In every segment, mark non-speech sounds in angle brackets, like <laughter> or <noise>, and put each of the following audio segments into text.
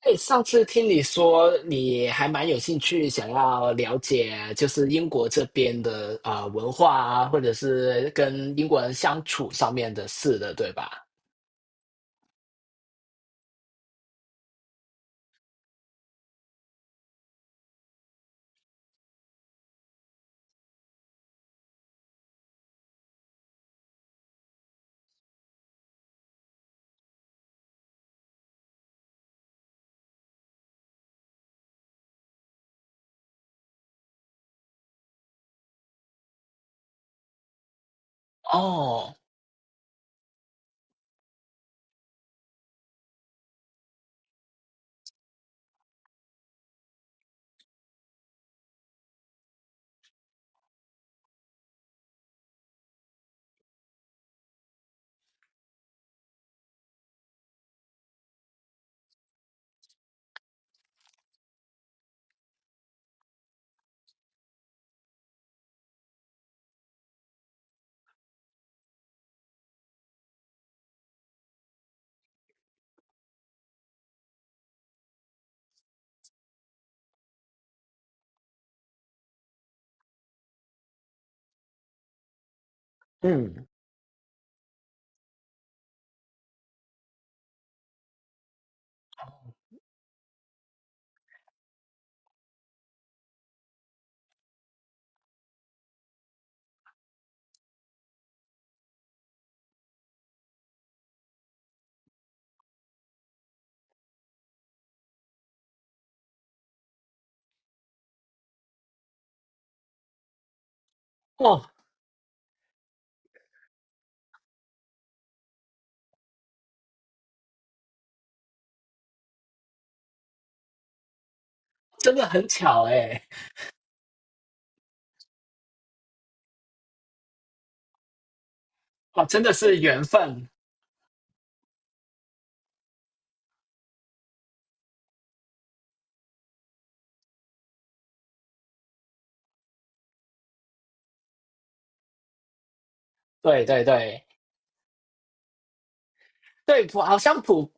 哎，上次听你说你还蛮有兴趣，想要了解就是英国这边的文化啊，或者是跟英国人相处上面的事的，对吧？哦。嗯。哦，真的很巧哎。哦，真的是缘分。对对对。对，普好像普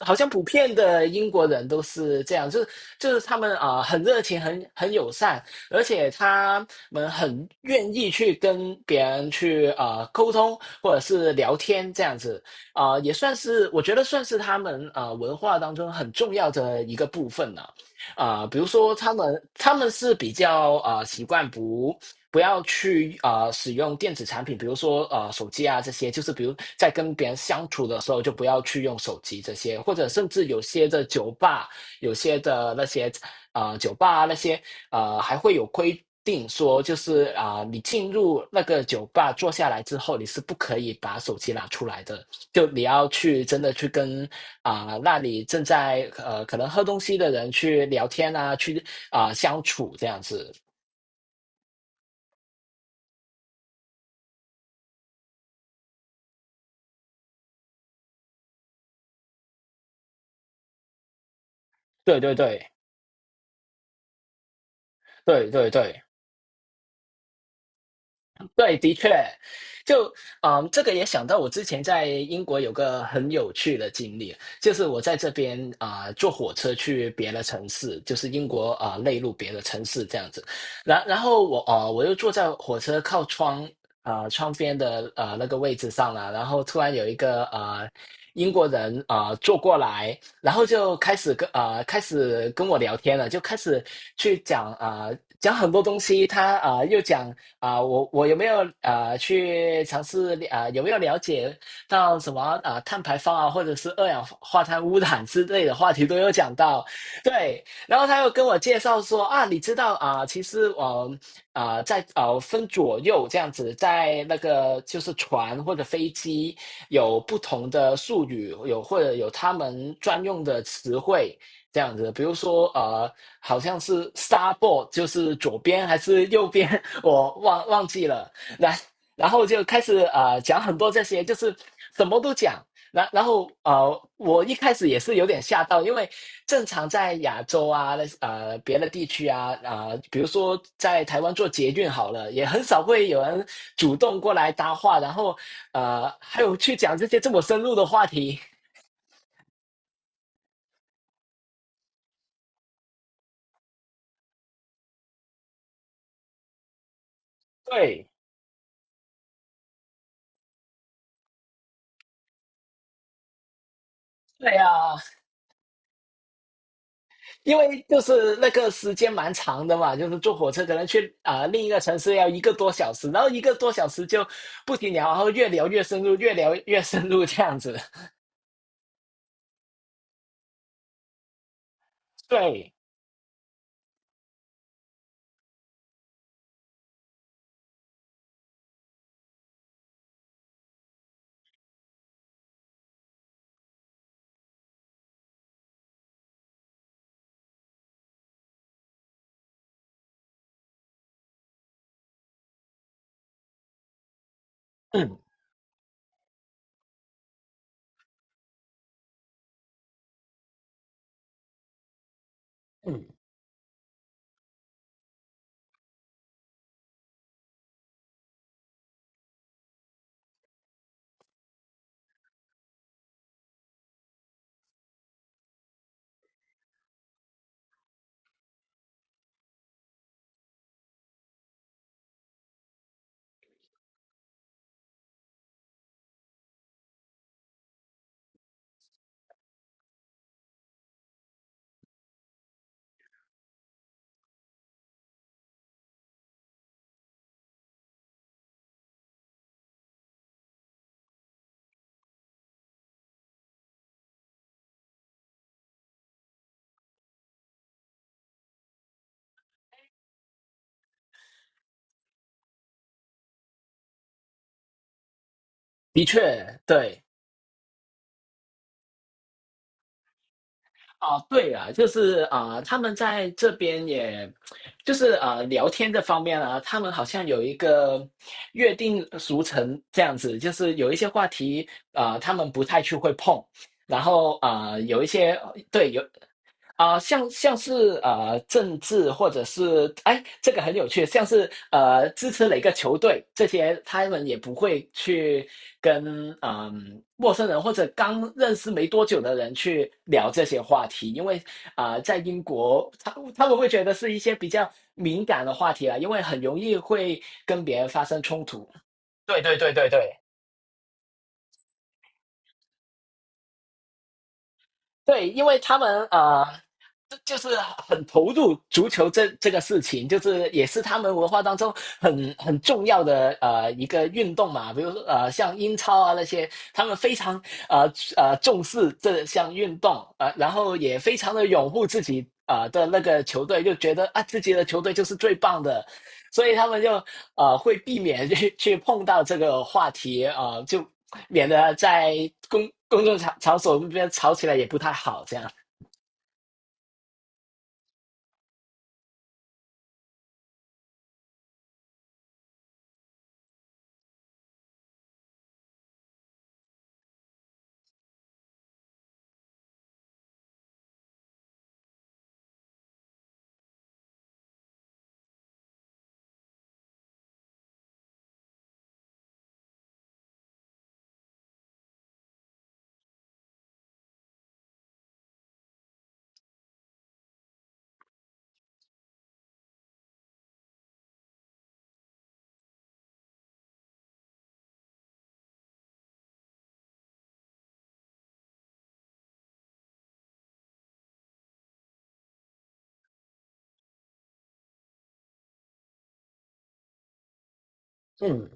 好像普遍的英国人都是这样，就是他们很热情，很友善，而且他们很愿意去跟别人去啊沟通或者是聊天这样子，也算是我觉得他们啊文化当中很重要的一个部分了。比如说他们是比较啊习惯不要去啊！使用电子产品，比如说手机啊这些，就是比如在跟别人相处的时候，就不要去用手机这些，或者甚至有些的酒吧，有些的那些啊酒吧啊那些还会有规定说，就是你进入那个酒吧坐下来之后，你是不可以把手机拿出来的，就你要去真的去跟那里正在可能喝东西的人去聊天啊，去相处这样子。对对对。对对对对，的确。就这个也想到我之前在英国有个很有趣的经历，就是我在这边坐火车去别的城市，就是英国内陆别的城市这样子，然后我我又坐在火车靠窗窗边的那个位置上了，然后突然有一个英国人坐过来，然后就开始跟啊、开始跟我聊天了，就开始去讲讲很多东西，他又讲啊、我有没有去尝试啊、有没有了解到什么啊、碳排放啊，或者是二氧化碳污染之类的话题都有讲到。对，然后他又跟我介绍说啊，你知道啊、其实我啊、在啊分左右这样子，在那个就是船或者飞机有不同的术语，有或者有他们专用的词汇。这样子，比如说好像是 starboard 就是左边还是右边，<laughs> 我忘记了。然然后就开始讲很多这些，就是什么都讲。然后我一开始也是有点吓到，因为正常在亚洲啊，那别的地区啊，比如说在台湾做捷运好了，也很少会有人主动过来搭话，然后还有去讲这些这么深入的话题。对。对呀。因为就是那个时间蛮长的嘛，就是坐火车可能去另一个城市要一个多小时，然后一个多小时就不停聊，然后越聊越深入，越聊越深入这样子。<laughs> 对。嗯嗯，的确。对。啊，对啊，就是他们在这边也，就是啊聊天这方面啊，他们好像有一个约定俗成这样子，就是有一些话题他们不太去会碰，然后有一些对有像是政治或者是哎，这个很有趣，像是支持哪个球队这些，他们也不会去跟陌生人或者刚认识没多久的人去聊这些话题，因为在英国他们会觉得是一些比较敏感的话题啊，因为很容易会跟别人发生冲突。对对对对对。对，因为他们啊。就是很投入足球这个事情，就是也是他们文化当中很重要的一个运动嘛。比如说像英超啊那些，他们非常呃重视这项运动，然后也非常的拥护自己的那个球队，就觉得啊自己的球队就是最棒的，所以他们就会避免去碰到这个话题，就免得在公众场所那边吵起来也不太好这样。嗯。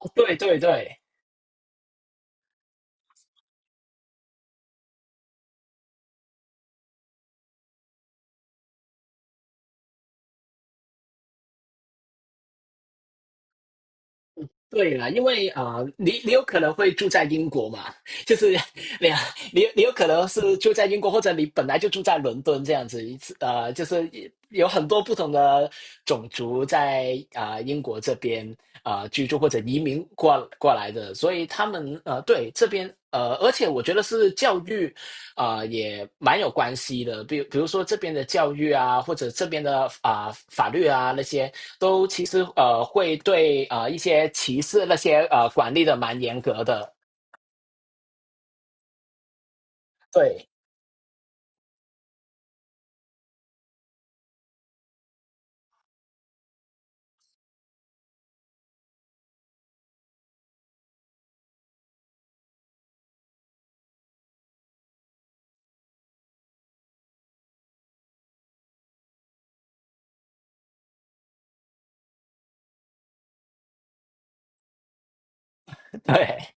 <laughs> 对对对。对啦，因为你你有可能会住在英国嘛，<laughs> 就是你你有可能是住在英国，或者你本来就住在伦敦这样子，就是有很多不同的种族在英国这边居住或者移民过来的，所以他们对这边呃，而且我觉得是教育。也蛮有关系的，比如说这边的教育啊，或者这边的法律啊那些，都其实会对啊一些歧视那些管理的蛮严格的。对对。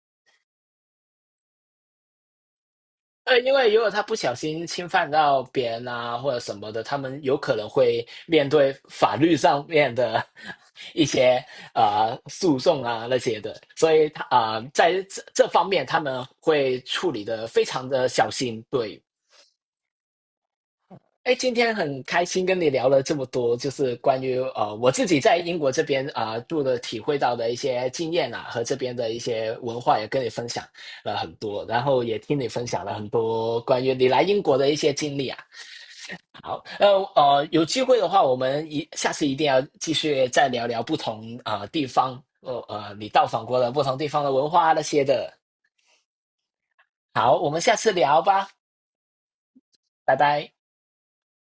因为如果他不小心侵犯到别人啊，或者什么的，他们有可能会面对法律上面的 <laughs> 一些诉讼啊那些的，所以他在这方面他们会处理的非常的小心。对。哎，今天很开心跟你聊了这么多，就是关于我自己在英国这边住的体会到的一些经验啊，和这边的一些文化也跟你分享了很多，然后也听你分享了很多关于你来英国的一些经历啊。好。有机会的话，我们下次一定要继续再聊聊不同地方，你到访过的不同地方的文化啊那些的。好，我们下次聊吧，拜拜。